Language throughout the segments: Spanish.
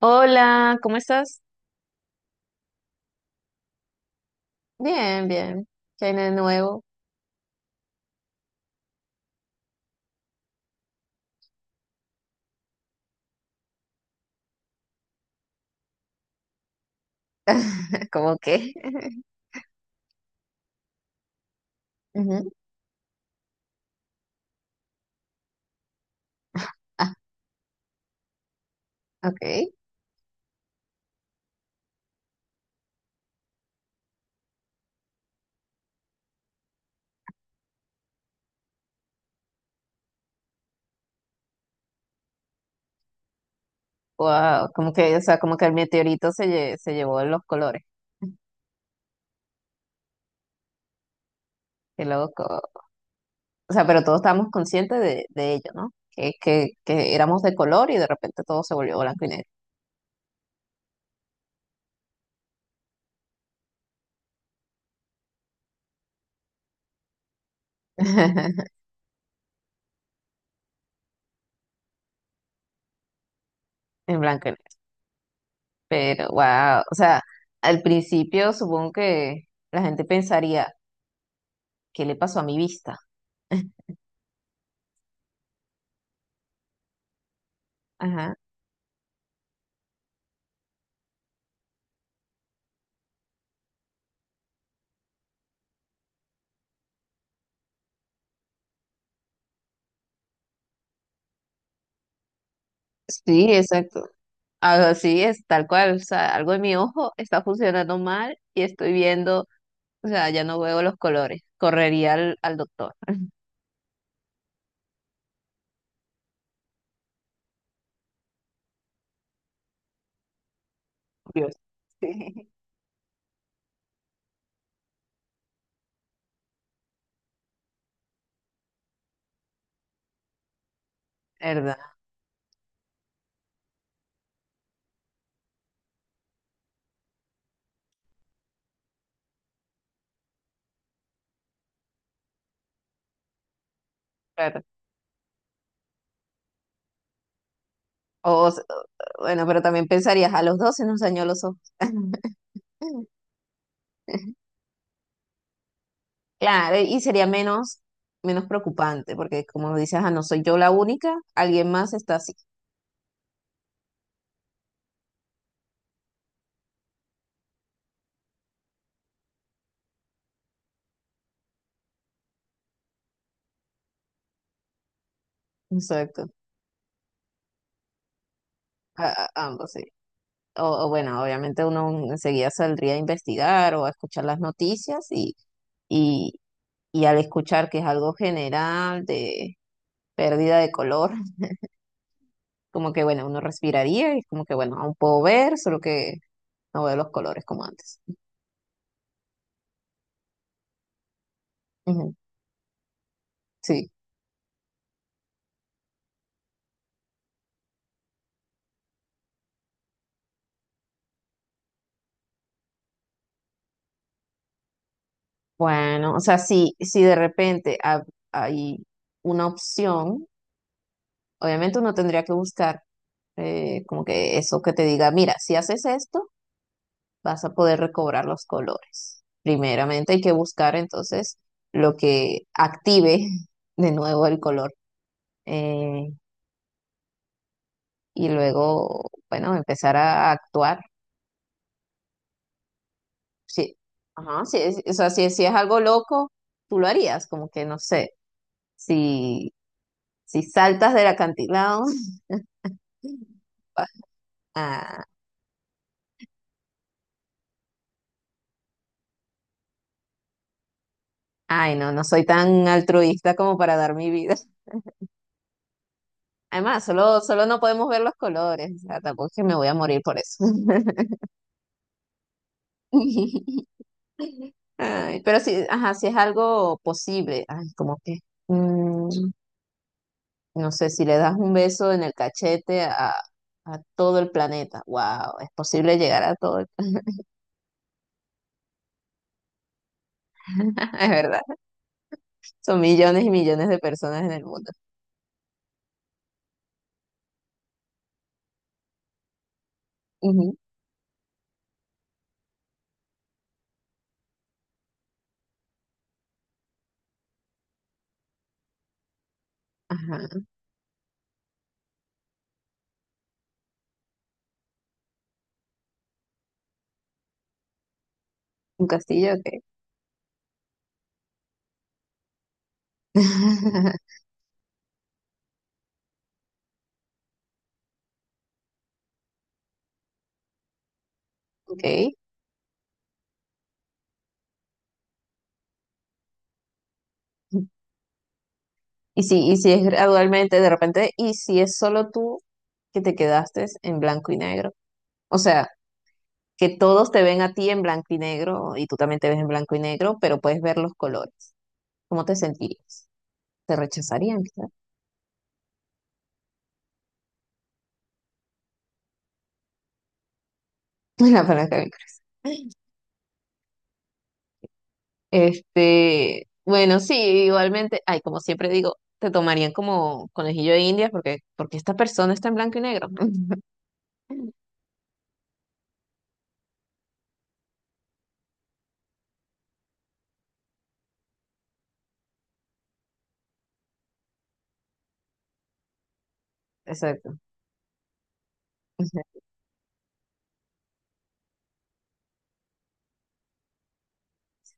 Hola, ¿cómo estás? Bien, bien. ¿Qué hay de nuevo? ¿Cómo qué? Ujú. Ah, ok. Wow, como que, o sea, como que el meteorito se llevó los colores. Qué loco. O sea, pero todos estábamos conscientes de ello, ¿no? Que éramos de color y de repente todo se volvió blanco y negro. En blanco y negro. Pero, wow. O sea, al principio supongo que la gente pensaría, ¿qué le pasó a mi vista? Ajá. Sí, exacto. Así es, tal cual, o sea, algo en mi ojo está funcionando mal y estoy viendo, o sea, ya no veo los colores, correría al doctor. Dios. Sí. ¿Verdad? Claro. O, o- bueno, pero también pensarías, a los 12 nos dañó los ojos. Claro, y sería menos, menos preocupante, porque como dices, ah, no soy yo la única, alguien más está así. Exacto. Ambos, sí. O bueno, obviamente uno enseguida saldría a investigar o a escuchar las noticias y, y al escuchar que es algo general de pérdida de color, como que bueno, uno respiraría y como que bueno, aún puedo ver, solo que no veo los colores como antes. Ujú, sí. Bueno, o sea, si de repente hay una opción, obviamente uno tendría que buscar como que eso que te diga, mira, si haces esto, vas a poder recobrar los colores. Primeramente hay que buscar entonces lo que active de nuevo el color. Eh, y luego, bueno, empezar a actuar. Sí, ajá, sí, o sea, si es algo loco, tú lo harías, como que no sé, si, si saltas del acantilado, ah, ay, no, no soy tan altruista como para dar mi vida. Además, solo no podemos ver los colores, o sea, tampoco es que me voy a morir por eso. Ay, pero sí, ajá, si es algo posible, ay, como que, mm, no sé, si le das un beso en el cachete a todo el planeta, wow, es posible llegar a todo el planeta, es verdad. Son millones y millones de personas en el mundo. Ujú, ajá, un castillo, ok. Ok. Y si es gradualmente, de repente, y si es solo tú que te quedaste en blanco y negro. O sea, que todos te ven a ti en blanco y negro y tú también te ves en blanco y negro, pero puedes ver los colores. ¿Cómo te sentirías? ¿Te rechazarían, quizás? La palabra que me ocurre. Este, bueno, sí, igualmente, ay, como siempre digo, te tomarían como conejillo de India porque, porque esta persona está en blanco y negro. Exacto. Ujú.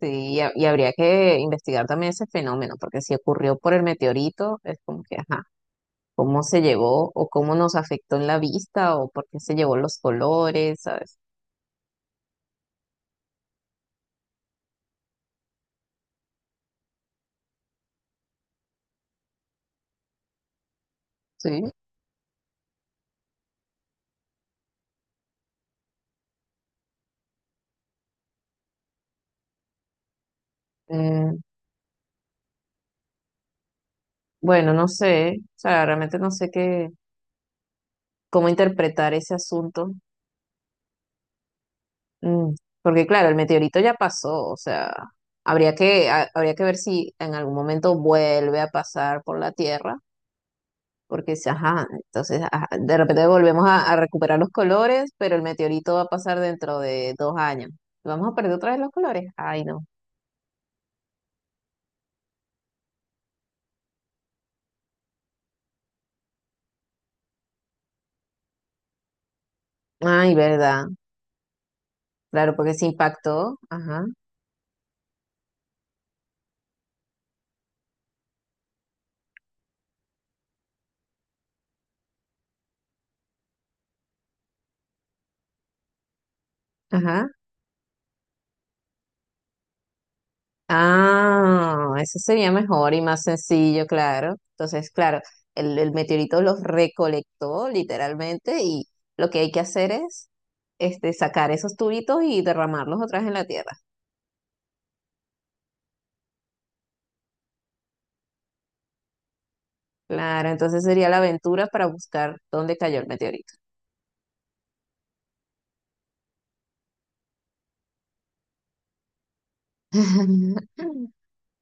Sí, y, y habría que investigar también ese fenómeno, porque si ocurrió por el meteorito, es como que, ajá, cómo se llevó o cómo nos afectó en la vista o por qué se llevó los colores, ¿sabes? Sí. Mm, bueno, no sé, o sea, realmente no sé qué, cómo interpretar ese asunto. Mm, porque claro, el meteorito ya pasó, o sea, habría habría que ver si en algún momento vuelve a pasar por la Tierra, porque si, ajá, entonces ajá, de repente volvemos a recuperar los colores, pero el meteorito va a pasar dentro de dos años. ¿Vamos a perder otra vez los colores? Ay, no. Ay, verdad. Claro, porque se impactó. Ajá, ajá. Ah, eso sería mejor y más sencillo, claro. Entonces, claro, el meteorito los recolectó literalmente y lo que hay que hacer es este, sacar esos tubitos y derramarlos otra vez en la tierra. Claro, entonces sería la aventura para buscar dónde cayó el meteorito.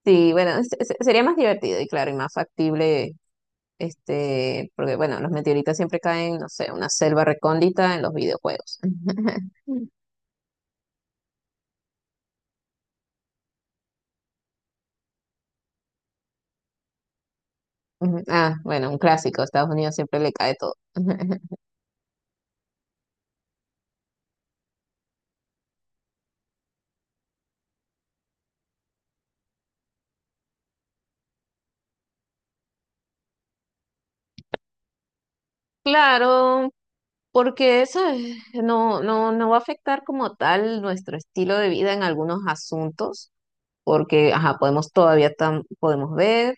Sí, bueno, sería más divertido y claro, y más factible, este, porque bueno, los meteoritos siempre caen, no sé, en una selva recóndita en los videojuegos. Ujú. Ah, bueno, un clásico. Estados Unidos siempre le cae todo. Claro, porque eso no, no, no va a afectar como tal nuestro estilo de vida en algunos asuntos, porque ajá, podemos todavía podemos ver,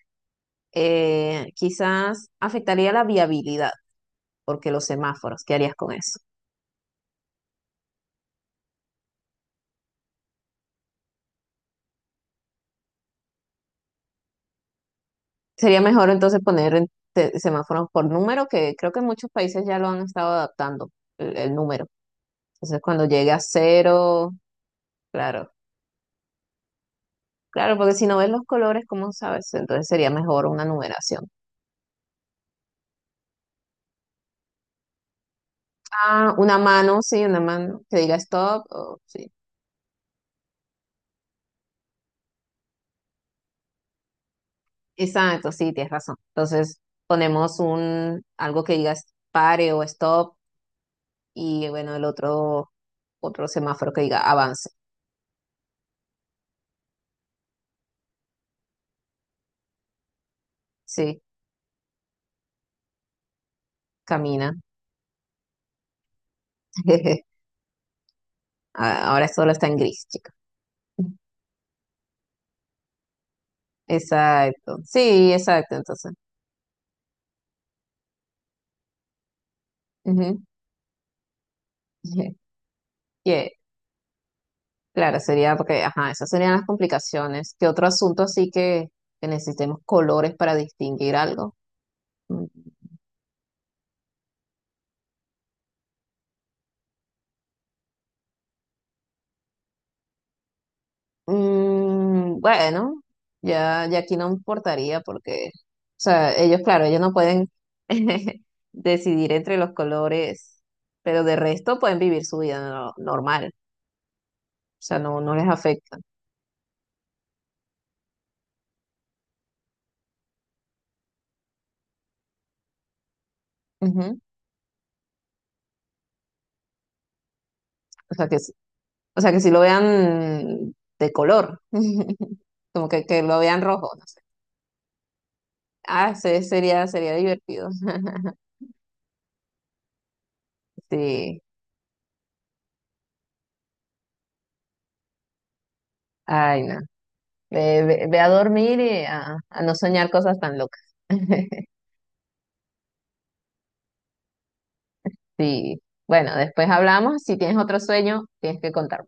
quizás afectaría la viabilidad, porque los semáforos, ¿qué harías con eso? Sería mejor entonces poner semáforos por número, que creo que en muchos países ya lo han estado adaptando, el número. Entonces cuando llegue a cero, claro. Claro, porque si no ves los colores, ¿cómo sabes? Entonces sería mejor una numeración. Ah, una mano, sí, una mano que diga stop. O, sí. Exacto, sí, tienes razón. Entonces ponemos un algo que diga pare o stop y bueno, el otro semáforo que diga avance. Sí, camina. Ah, ahora solo está en gris, chica. Exacto. Sí, exacto, entonces. Ujú. Yeah. Claro, sería porque, ajá, esas serían las complicaciones. ¿Qué otro asunto así que necesitemos colores para distinguir algo? Mm, bueno, ya aquí no importaría porque, o sea, ellos, claro, ellos no pueden decidir entre los colores, pero de resto pueden vivir su vida normal, o sea, no, no les afecta. Ujú. O sea que, o sea que si lo vean de color, como que lo vean rojo, no sé. Ah, sería, sería divertido. Sí, ay, no. Ve a dormir y a no soñar cosas tan locas. Sí, bueno, después hablamos. Si tienes otro sueño, tienes que contar.